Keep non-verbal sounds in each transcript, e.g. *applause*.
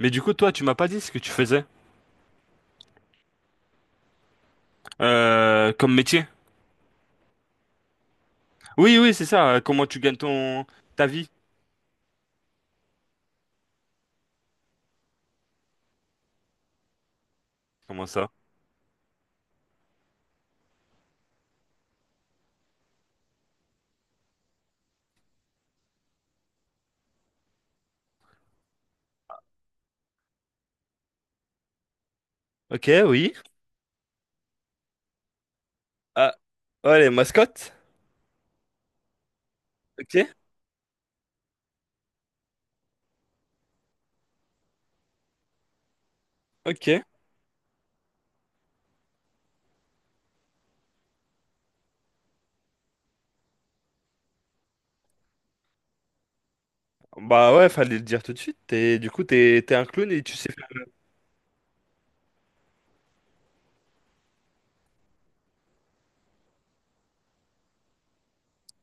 Mais du coup, toi, tu m'as pas dit ce que tu faisais comme métier. Oui, oui, c'est ça. Comment tu gagnes ton ta vie? Comment ça? Ok, oui. Ah, ouais, les mascottes. Ok, ok. Bah ouais, fallait le dire tout de suite. Et du coup, t'es un clown et tu sais faire.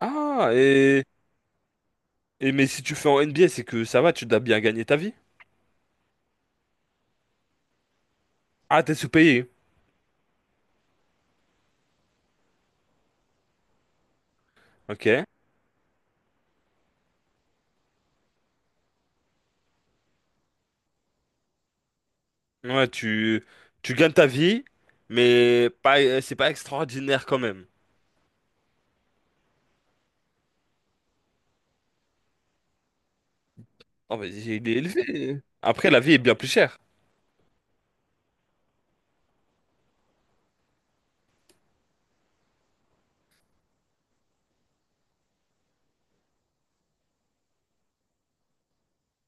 Ah, et, et mais si tu fais en NBA, c'est que ça va, tu dois bien gagner ta vie. Ah, t'es sous-payé. Ok. Ouais, tu gagnes ta vie, mais pas, c'est pas extraordinaire quand même. Oh, mais il est élevé. Après, la vie est bien plus chère.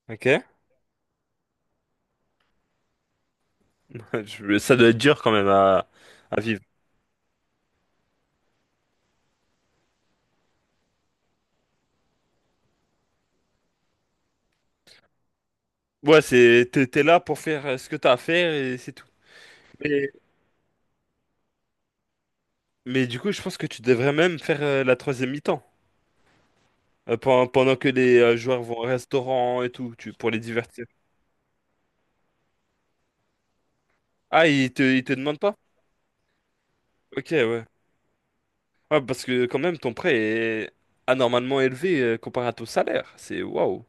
Ok. *laughs* Ça doit être dur quand même à vivre. Ouais, c'est, t'es, t'es là pour faire ce que t'as à faire et c'est tout. Mais, mais du coup, je pense que tu devrais même faire la troisième mi-temps. Pendant que les joueurs vont au restaurant et tout, tu, pour les divertir. Ah, ils te demandent pas? Ok, ouais. Ouais, parce que quand même, ton prêt est anormalement élevé comparé à ton salaire. C'est waouh.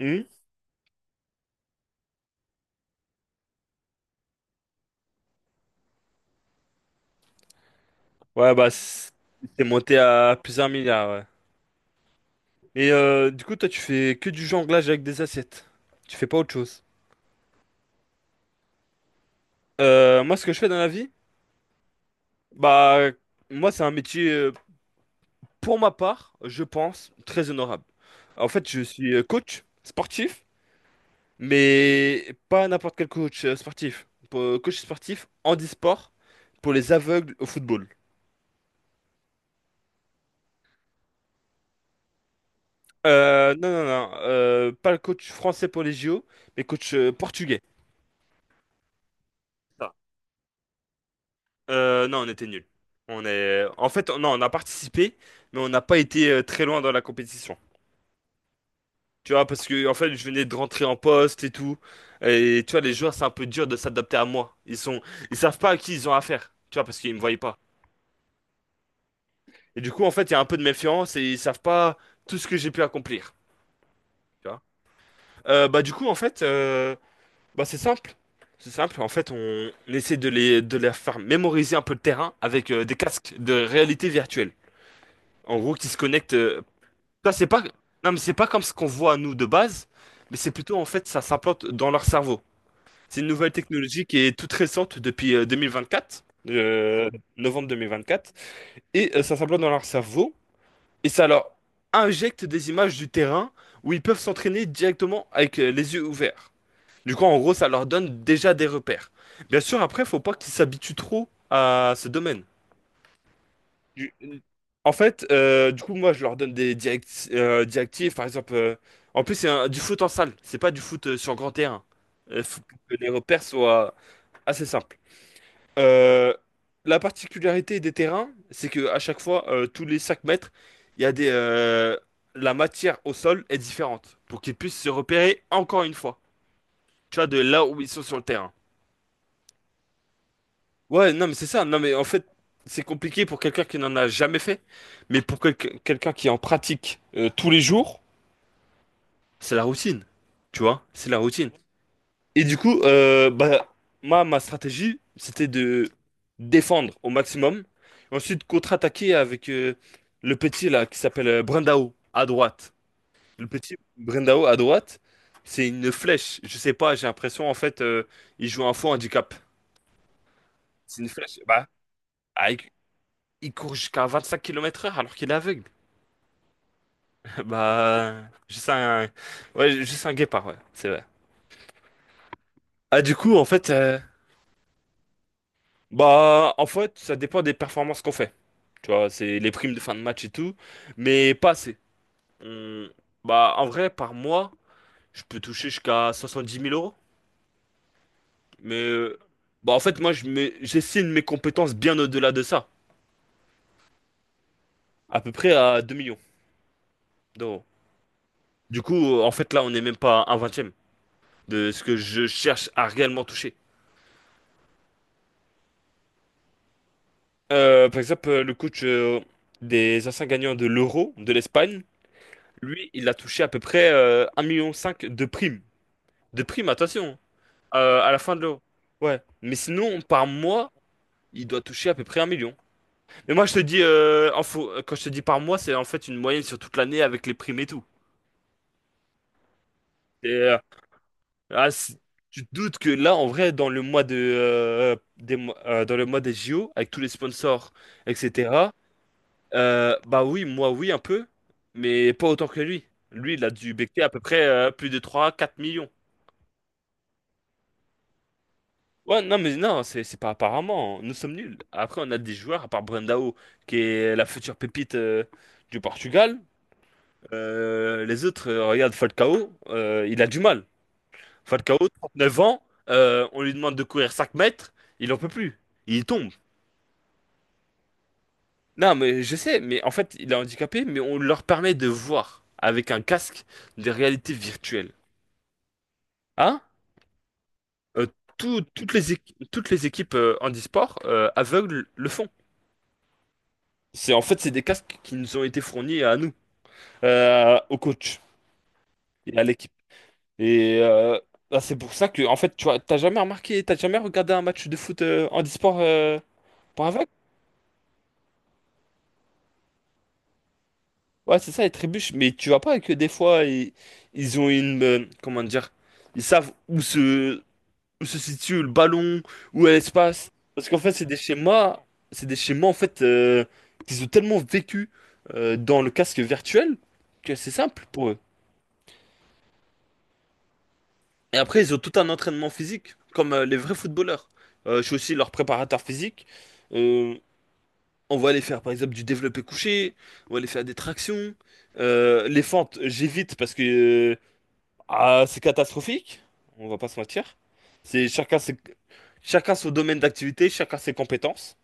Hmm. Ouais, bah, c'est monté à plusieurs milliards, ouais. Du coup, toi, tu fais que du jonglage avec des assiettes. Tu fais pas autre chose. Moi, ce que je fais dans la vie, bah, moi, c'est un métier, pour ma part, je pense, très honorable. En fait, je suis coach sportif, mais pas n'importe quel coach sportif. Coach sportif handisport pour les aveugles au football. Non, non, non, pas le coach français pour les JO, mais coach portugais. Ça. Non, on était nuls. On est... En fait, non, on a participé, mais on n'a pas été très loin dans la compétition. Tu vois, parce que en fait, je venais de rentrer en poste et tout. Et tu vois, les joueurs, c'est un peu dur de s'adapter à moi. Ils sont, ils savent pas à qui ils ont affaire. Tu vois, parce qu'ils me voyaient pas. Et du coup, en fait, il y a un peu de méfiance et ils savent pas tout ce que j'ai pu accomplir. Tu vois. Euh, bah, du coup, en fait, euh, c'est simple. C'est simple. En fait, on essaie de les faire mémoriser un peu le terrain avec des casques de réalité virtuelle. En gros, qui se connectent. Ça, c'est pas, non, mais c'est pas comme ce qu'on voit nous de base, mais c'est plutôt en fait, ça s'implante dans leur cerveau. C'est une nouvelle technologie qui est toute récente depuis 2024, euh, novembre 2024, et ça s'implante dans leur cerveau, et ça leur injecte des images du terrain où ils peuvent s'entraîner directement avec les yeux ouverts. Du coup, en gros, ça leur donne déjà des repères. Bien sûr, après, faut pas qu'ils s'habituent trop à ce domaine. Du- En fait, du coup, moi, je leur donne des directives, par exemple. En plus, c'est du foot en salle, c'est pas du foot sur grand terrain. Il faut que les repères soient assez simples. Euh, la particularité des terrains, c'est que à chaque fois, tous les 5 mètres, il y a la matière au sol est différente pour qu'ils puissent se repérer encore une fois. Tu vois, de là où ils sont sur le terrain. Ouais, non, mais c'est ça. Non, mais en fait, c'est compliqué pour quelqu'un qui n'en a jamais fait, mais pour quelqu'un qui en pratique tous les jours, c'est la routine. Tu vois, c'est la routine. Et du coup, bah, moi, ma stratégie, c'était de défendre au maximum. Ensuite, contre-attaquer avec le petit là qui s'appelle Brendao à droite. Le petit Brendao à droite, c'est une flèche. Je sais pas, j'ai l'impression en fait, il joue un faux handicap. C'est une flèche. Ah, il il court jusqu'à 25 km/h alors qu'il est aveugle. *laughs* Bah, juste un, ouais, juste un guépard, ouais, c'est vrai. Ah, du coup, en fait, euh, En fait, ça dépend des performances qu'on fait. Tu vois, c'est les primes de fin de match et tout, mais pas assez. On- Bah, en vrai, par mois, je peux toucher jusqu'à 70 000 euros. Mais bah, en fait, moi, j'estime mes compétences bien au-delà de ça, à peu près à 2 millions d'euros. Du coup, en fait, là, on n'est même pas à un vingtième de ce que je cherche à réellement toucher. Par exemple, le coach des anciens gagnants de l'Euro de l'Espagne, lui, il a touché à peu près 1,5 million de primes. De primes, attention. À la fin de l'eau. Ouais. Mais sinon, par mois, il doit toucher à peu près un million. Mais moi, je te dis, quand je te dis par mois, c'est en fait une moyenne sur toute l'année avec les primes et tout. Et, euh, ah, c'est- Tu te doutes que là, en vrai, dans le mois des JO, avec tous les sponsors, etc., bah oui, moi, oui, un peu, mais pas autant que lui. Lui, il a dû becquer à peu près plus de trois quatre millions. Ouais, non, c'est pas apparemment. Hein. Nous sommes nuls. Après, on a des joueurs, à part Brandao, qui est la future pépite du Portugal. Les autres, regarde Falcao, il a du mal. Falcao, 39 ans, on lui demande de courir 5 mètres, il en peut plus. Il tombe. Non, mais je sais, mais en fait, il est handicapé, mais on leur permet de voir avec un casque des réalités virtuelles. Hein? Euh, Toutes les équipes handisport aveugles le font. C'est en fait c'est des casques qui nous ont été fournis à nous, au coach et à l'équipe. Et bah, c'est pour ça que en fait tu vois, t'as jamais remarqué, t'as jamais regardé un match de foot handisport pour aveugle? Ouais, c'est ça, les trébuches. Mais tu vois pas que des fois ils, ils ont une comment dire, ils savent où se situe le ballon, où est l'espace. Parce qu'en fait c'est des schémas en fait qu'ils ont tellement vécu dans le casque virtuel que c'est simple pour eux. Et après, ils ont tout un entraînement physique, comme les vrais footballeurs. Je suis aussi leur préparateur physique. Euh, on va aller faire, par exemple, du développé couché, on va aller faire des tractions. Les fentes, j'évite parce que euh, c'est catastrophique, on va pas se mentir. C'est chacun ses, Chacun son domaine d'activité, chacun ses compétences.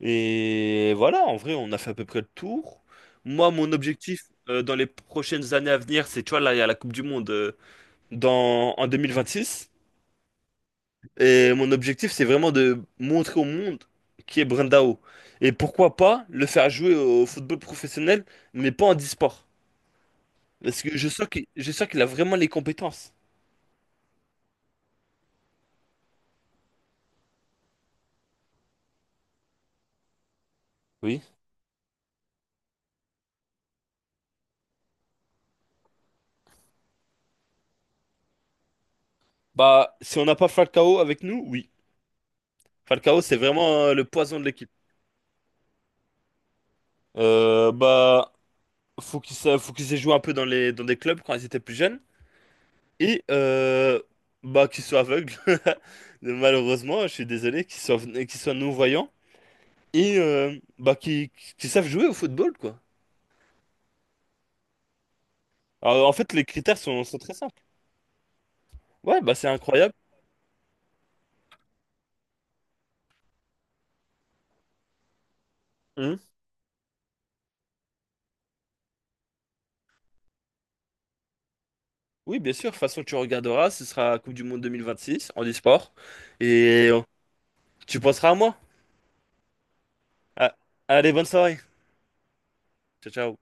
Et voilà, en vrai, on a fait à peu près le tour. Moi, mon objectif dans les prochaines années à venir, c'est, tu vois, là, il y a la Coupe du Monde en 2026. Et mon objectif, c'est vraiment de montrer au monde qui est Brandao. Et pourquoi pas le faire jouer au football professionnel, mais pas en e-sport. Parce que je sens qu'il a vraiment les compétences. Oui. Bah, si on n'a pas Falcao avec nous, oui. Falcao, c'est vraiment le poison de l'équipe. Bah, faut qu'ils aient joué un peu dans des clubs quand ils étaient plus jeunes. Et bah, qu'ils soient aveugles. *laughs* Malheureusement, je suis désolé, qu'ils soient non-voyants. Et bah, qui savent jouer au football, quoi. Alors, en fait, les critères sont très simples. Ouais, bah c'est incroyable. Hum. Oui, bien sûr. De toute façon, tu regarderas, ce sera Coupe du Monde 2026 en e-sport. Et tu penseras à moi. Ah, allez, bonne soirée. Ciao, ciao.